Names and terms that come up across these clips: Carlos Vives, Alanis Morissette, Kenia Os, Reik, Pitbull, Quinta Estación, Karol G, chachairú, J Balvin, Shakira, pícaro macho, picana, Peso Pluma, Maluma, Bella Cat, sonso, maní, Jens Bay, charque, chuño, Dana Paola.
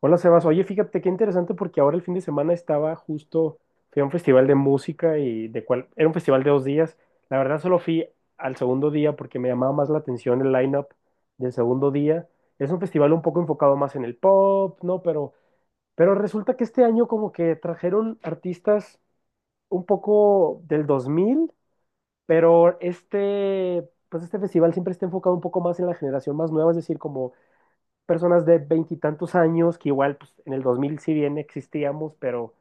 Hola Sebas, oye, fíjate qué interesante porque ahora el fin de semana estaba justo, fui a un festival de música era un festival de 2 días. La verdad solo fui al segundo día porque me llamaba más la atención el line-up del segundo día. Es un festival un poco enfocado más en el pop, ¿no? Pero resulta que este año como que trajeron artistas un poco del 2000, pero este, pues este festival siempre está enfocado un poco más en la generación más nueva, es decir, como personas de veintitantos años que igual pues, en el 2000 si bien existíamos, pero,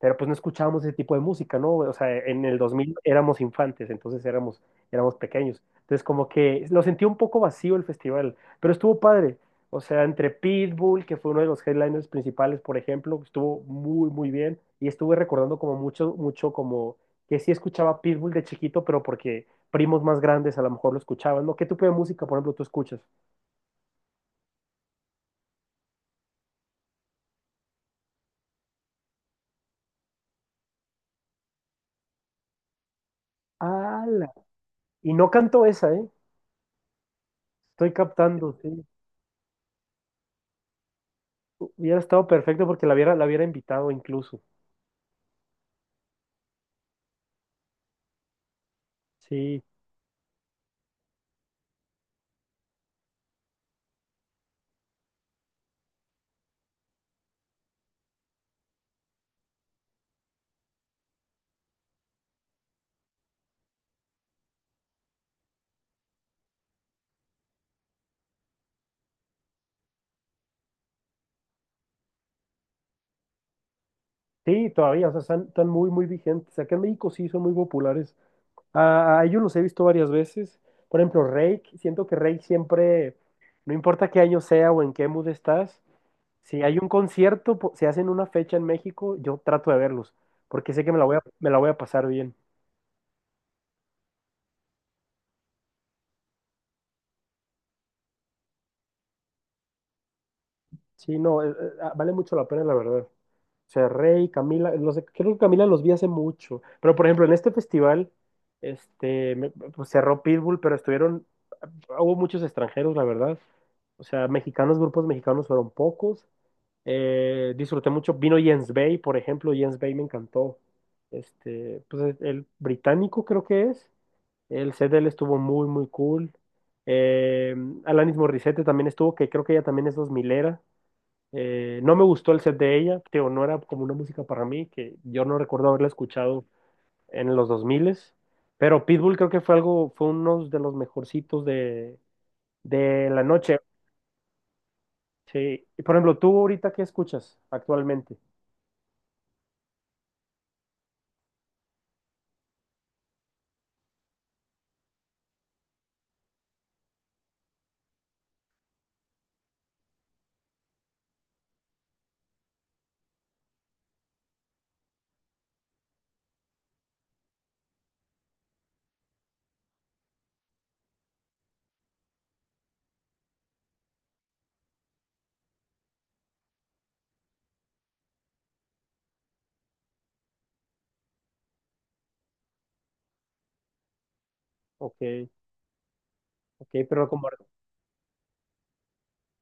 pero pues no escuchábamos ese tipo de música, ¿no? O sea, en el 2000 éramos infantes, entonces éramos pequeños. Entonces como que lo sentí un poco vacío el festival, pero estuvo padre. O sea, entre Pitbull, que fue uno de los headliners principales, por ejemplo, estuvo muy, muy bien. Y estuve recordando como mucho, mucho como que sí escuchaba Pitbull de chiquito, pero porque primos más grandes a lo mejor lo escuchaban, ¿no? ¿Qué tipo de música, por ejemplo, tú escuchas? ¡Hala! Y no cantó esa, ¿eh? Estoy captando, sí. Hubiera estado perfecto porque la hubiera invitado incluso. Sí, sí, todavía, o sea, están muy, muy vigentes. Acá en México sí son muy populares. A ellos los he visto varias veces. Por ejemplo, Reik, siento que Reik siempre, no importa qué año sea o en qué mood estás, si hay un concierto, si hacen una fecha en México, yo trato de verlos, porque sé que me la voy a pasar bien. Sí, no, vale mucho la pena, la verdad. O sea, Rey, Camila, no sé, creo que Camila los vi hace mucho. Pero, por ejemplo, en este festival, pues cerró Pitbull, pero hubo muchos extranjeros, la verdad. O sea, mexicanos, grupos mexicanos fueron pocos. Disfruté mucho. Vino Jens Bay, por ejemplo. Jens Bay me encantó. Pues el británico creo que es. El set de él estuvo muy, muy cool. Eh, Alanis Morissette también estuvo, que creo que ella también es dos milera. No me gustó el set de ella, tío, no era como una música para mí, que yo no recuerdo haberla escuchado en los 2000, pero Pitbull creo que fue uno de los mejorcitos de la noche. Sí. Y por ejemplo, ¿tú ahorita qué escuchas actualmente? Ok, ok,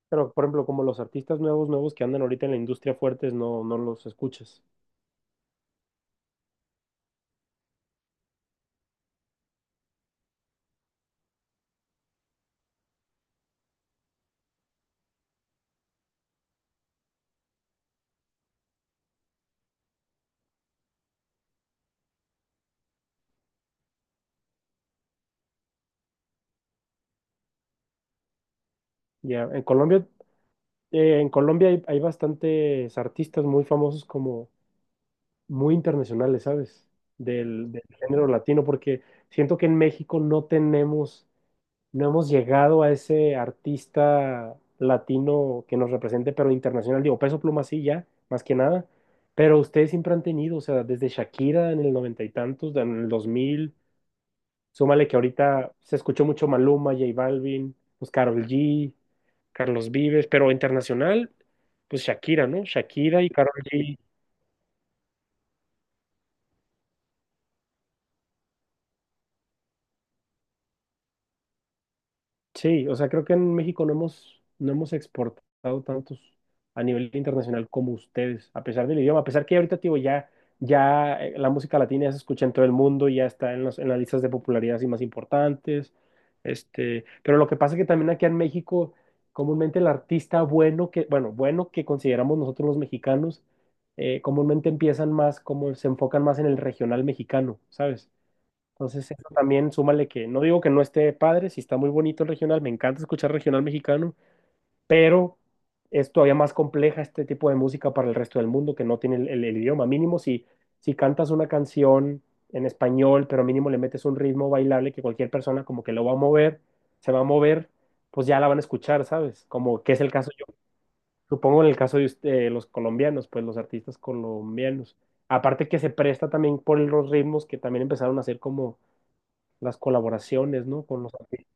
pero por ejemplo, como los artistas nuevos, nuevos que andan ahorita en la industria fuertes, no los escuchas. Ya. En Colombia, hay bastantes artistas muy famosos como muy internacionales, ¿sabes? Del género latino, porque siento que en México no tenemos, no hemos llegado a ese artista latino que nos represente, pero internacional, digo, Peso Pluma sí, ya, más que nada, pero ustedes siempre han tenido, o sea, desde Shakira en el noventa y tantos, en el 2000. Súmale que ahorita se escuchó mucho Maluma, J Balvin, pues Karol G, Carlos Vives, pero internacional, pues Shakira, ¿no? Shakira y Karol G. Sí, o sea, creo que en México no hemos, no hemos exportado tantos a nivel internacional como ustedes, a pesar del idioma, a pesar que ahorita, tío, ya, ya la música latina ya se escucha en todo el mundo, y ya está en las listas de popularidad así más importantes, pero lo que pasa es que también aquí en México, comúnmente el artista bueno que, bueno, que consideramos nosotros los mexicanos, comúnmente empiezan más, como se enfocan más en el regional mexicano, ¿sabes? Entonces, eso también súmale que no digo que no esté padre, si está muy bonito el regional, me encanta escuchar regional mexicano, pero es todavía más compleja este tipo de música para el resto del mundo que no tiene el idioma. Mínimo si cantas una canción en español, pero mínimo le metes un ritmo bailable que cualquier persona como que lo va a mover, se va a mover, pues ya la van a escuchar, ¿sabes? Como que es el caso, yo supongo en el caso de los colombianos, pues los artistas colombianos. Aparte que se presta también por los ritmos que también empezaron a hacer como las colaboraciones, ¿no? Con los artistas.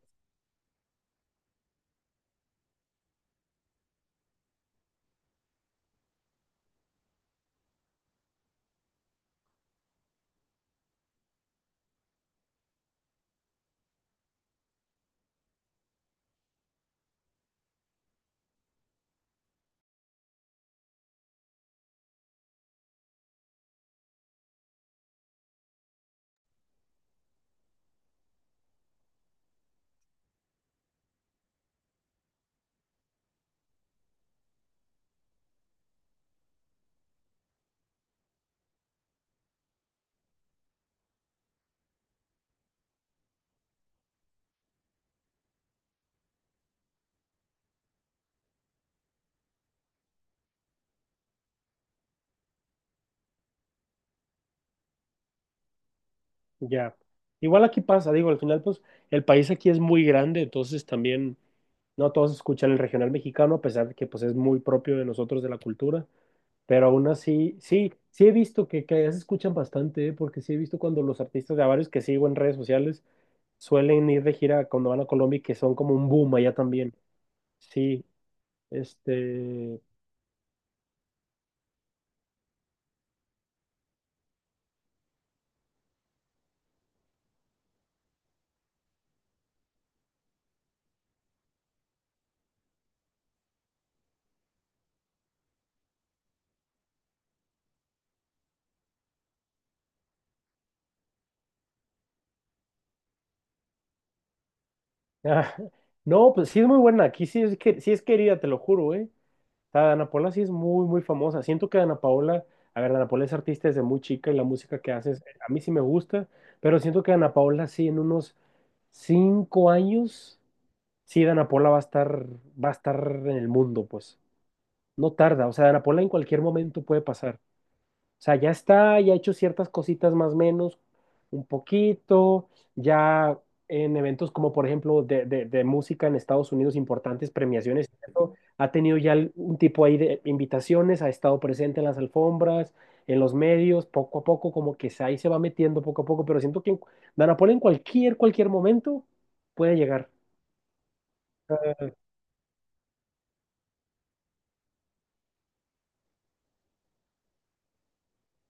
Ya. Igual aquí pasa, digo, al final, pues, el país aquí es muy grande, entonces también no todos escuchan el regional mexicano, a pesar de que, pues, es muy propio de nosotros, de la cultura, pero aún así, sí, sí he visto que ya se escuchan bastante, ¿eh? Porque sí he visto cuando los artistas de a varios que sigo en redes sociales suelen ir de gira cuando van a Colombia y que son como un boom allá también. Sí, este... ah, no, pues sí es muy buena, aquí sí es querida, te lo juro, ¿eh? Sea, Dana Paola sí es muy, muy famosa. Siento que Dana Paola, a ver, Dana Paola es artista desde muy chica y la música que hace, a mí sí me gusta, pero siento que Dana Paola sí en unos 5 años, sí, Dana Paola va a estar en el mundo, pues. No tarda, o sea, Dana Paola en cualquier momento puede pasar. O sea, ya está, ya ha hecho ciertas cositas más o menos, un poquito, ya en eventos como por ejemplo de, de música en Estados Unidos, importantes premiaciones, ¿cierto? Ha tenido ya un tipo ahí de invitaciones, ha estado presente en las alfombras, en los medios, poco a poco, como que ahí se va metiendo poco a poco, pero siento que Dana Paola en cualquier momento puede llegar.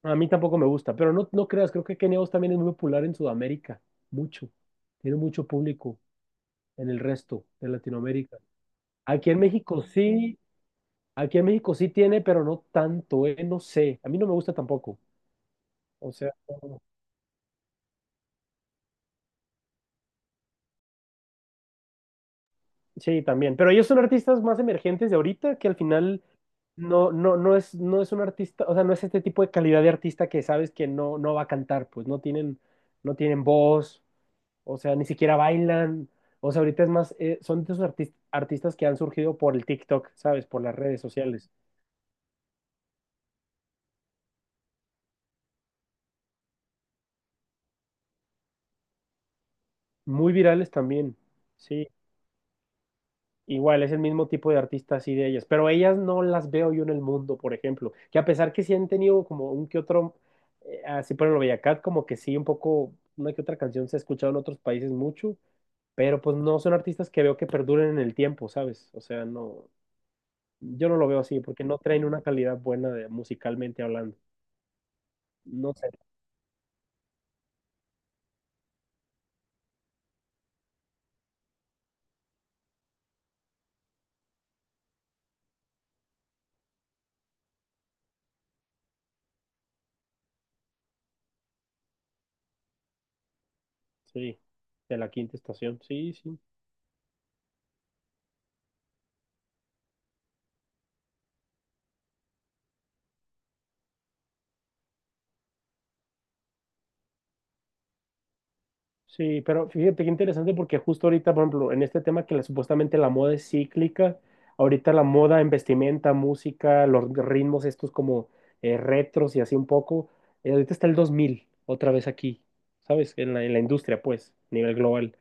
A mí tampoco me gusta, pero no, no creas, creo que Kenia Os también es muy popular en Sudamérica, mucho, tiene mucho público en el resto de Latinoamérica. Aquí en México sí, aquí en México sí tiene, pero no tanto, no sé. A mí no me gusta tampoco. O sea, no- sí, también. Pero ellos son artistas más emergentes de ahorita, que al final no es un artista, o sea, no es este tipo de calidad de artista que sabes que no, no va a cantar, pues no tienen voz, o sea, ni siquiera bailan. O sea, ahorita es más, son de esos artistas que han surgido por el TikTok, ¿sabes? Por las redes sociales. Muy virales también. Sí, igual, es el mismo tipo de artistas y de ellas, pero ellas no las veo yo en el mundo, por ejemplo, que a pesar que sí han tenido como un que otro, así por ejemplo Bella Cat, como que sí, un poco, una que otra canción se ha escuchado en otros países mucho, pero pues no son artistas que veo que perduren en el tiempo, ¿sabes? O sea, no, yo no lo veo así, porque no traen una calidad buena de, musicalmente hablando. No sé, sí, de la quinta estación, sí, sí. Sí, pero fíjate qué interesante porque justo ahorita, por ejemplo, en este tema que supuestamente la moda es cíclica, ahorita la moda en vestimenta, música, los ritmos estos como retros y así un poco, ahorita está el 2000 otra vez aquí, ¿sabes? En la industria, pues, a nivel global.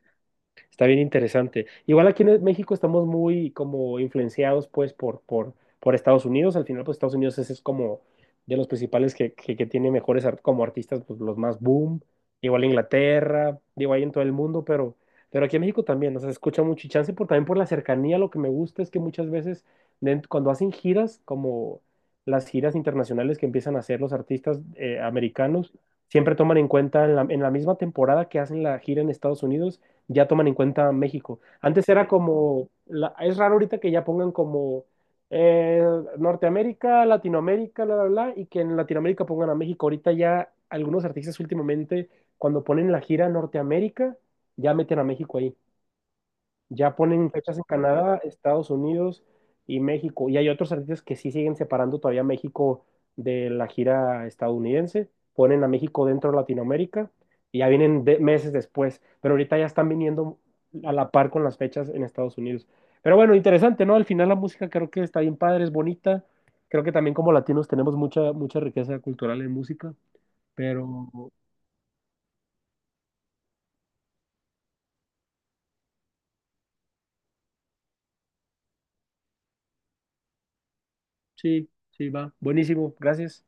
Está bien interesante. Igual aquí en México estamos muy como influenciados pues por Estados Unidos. Al final pues Estados Unidos es como de los principales que tiene mejores como artistas, pues los más boom. Igual Inglaterra, digo ahí en todo el mundo, pero aquí en México también, o sea, se escucha mucho y chance por, también por la cercanía. Lo que me gusta es que muchas veces cuando hacen giras, como las giras internacionales que empiezan a hacer los artistas americanos, siempre toman en cuenta en la misma temporada que hacen la gira en Estados Unidos ya toman en cuenta México. Antes era como, es raro ahorita que ya pongan como eh, Norteamérica, Latinoamérica, bla, bla, bla, y que en Latinoamérica pongan a México. Ahorita ya algunos artistas últimamente, cuando ponen la gira Norteamérica, ya meten a México ahí. Ya ponen fechas en Canadá, Estados Unidos y México. Y hay otros artistas que sí siguen separando todavía México de la gira estadounidense. Ponen a México dentro de Latinoamérica y ya vienen meses después. Pero ahorita ya están viniendo a la par con las fechas en Estados Unidos. Pero bueno, interesante, ¿no? Al final la música creo que está bien padre, es bonita. Creo que también como latinos tenemos mucha, mucha riqueza cultural en música. Pero sí, sí, va. Buenísimo, gracias.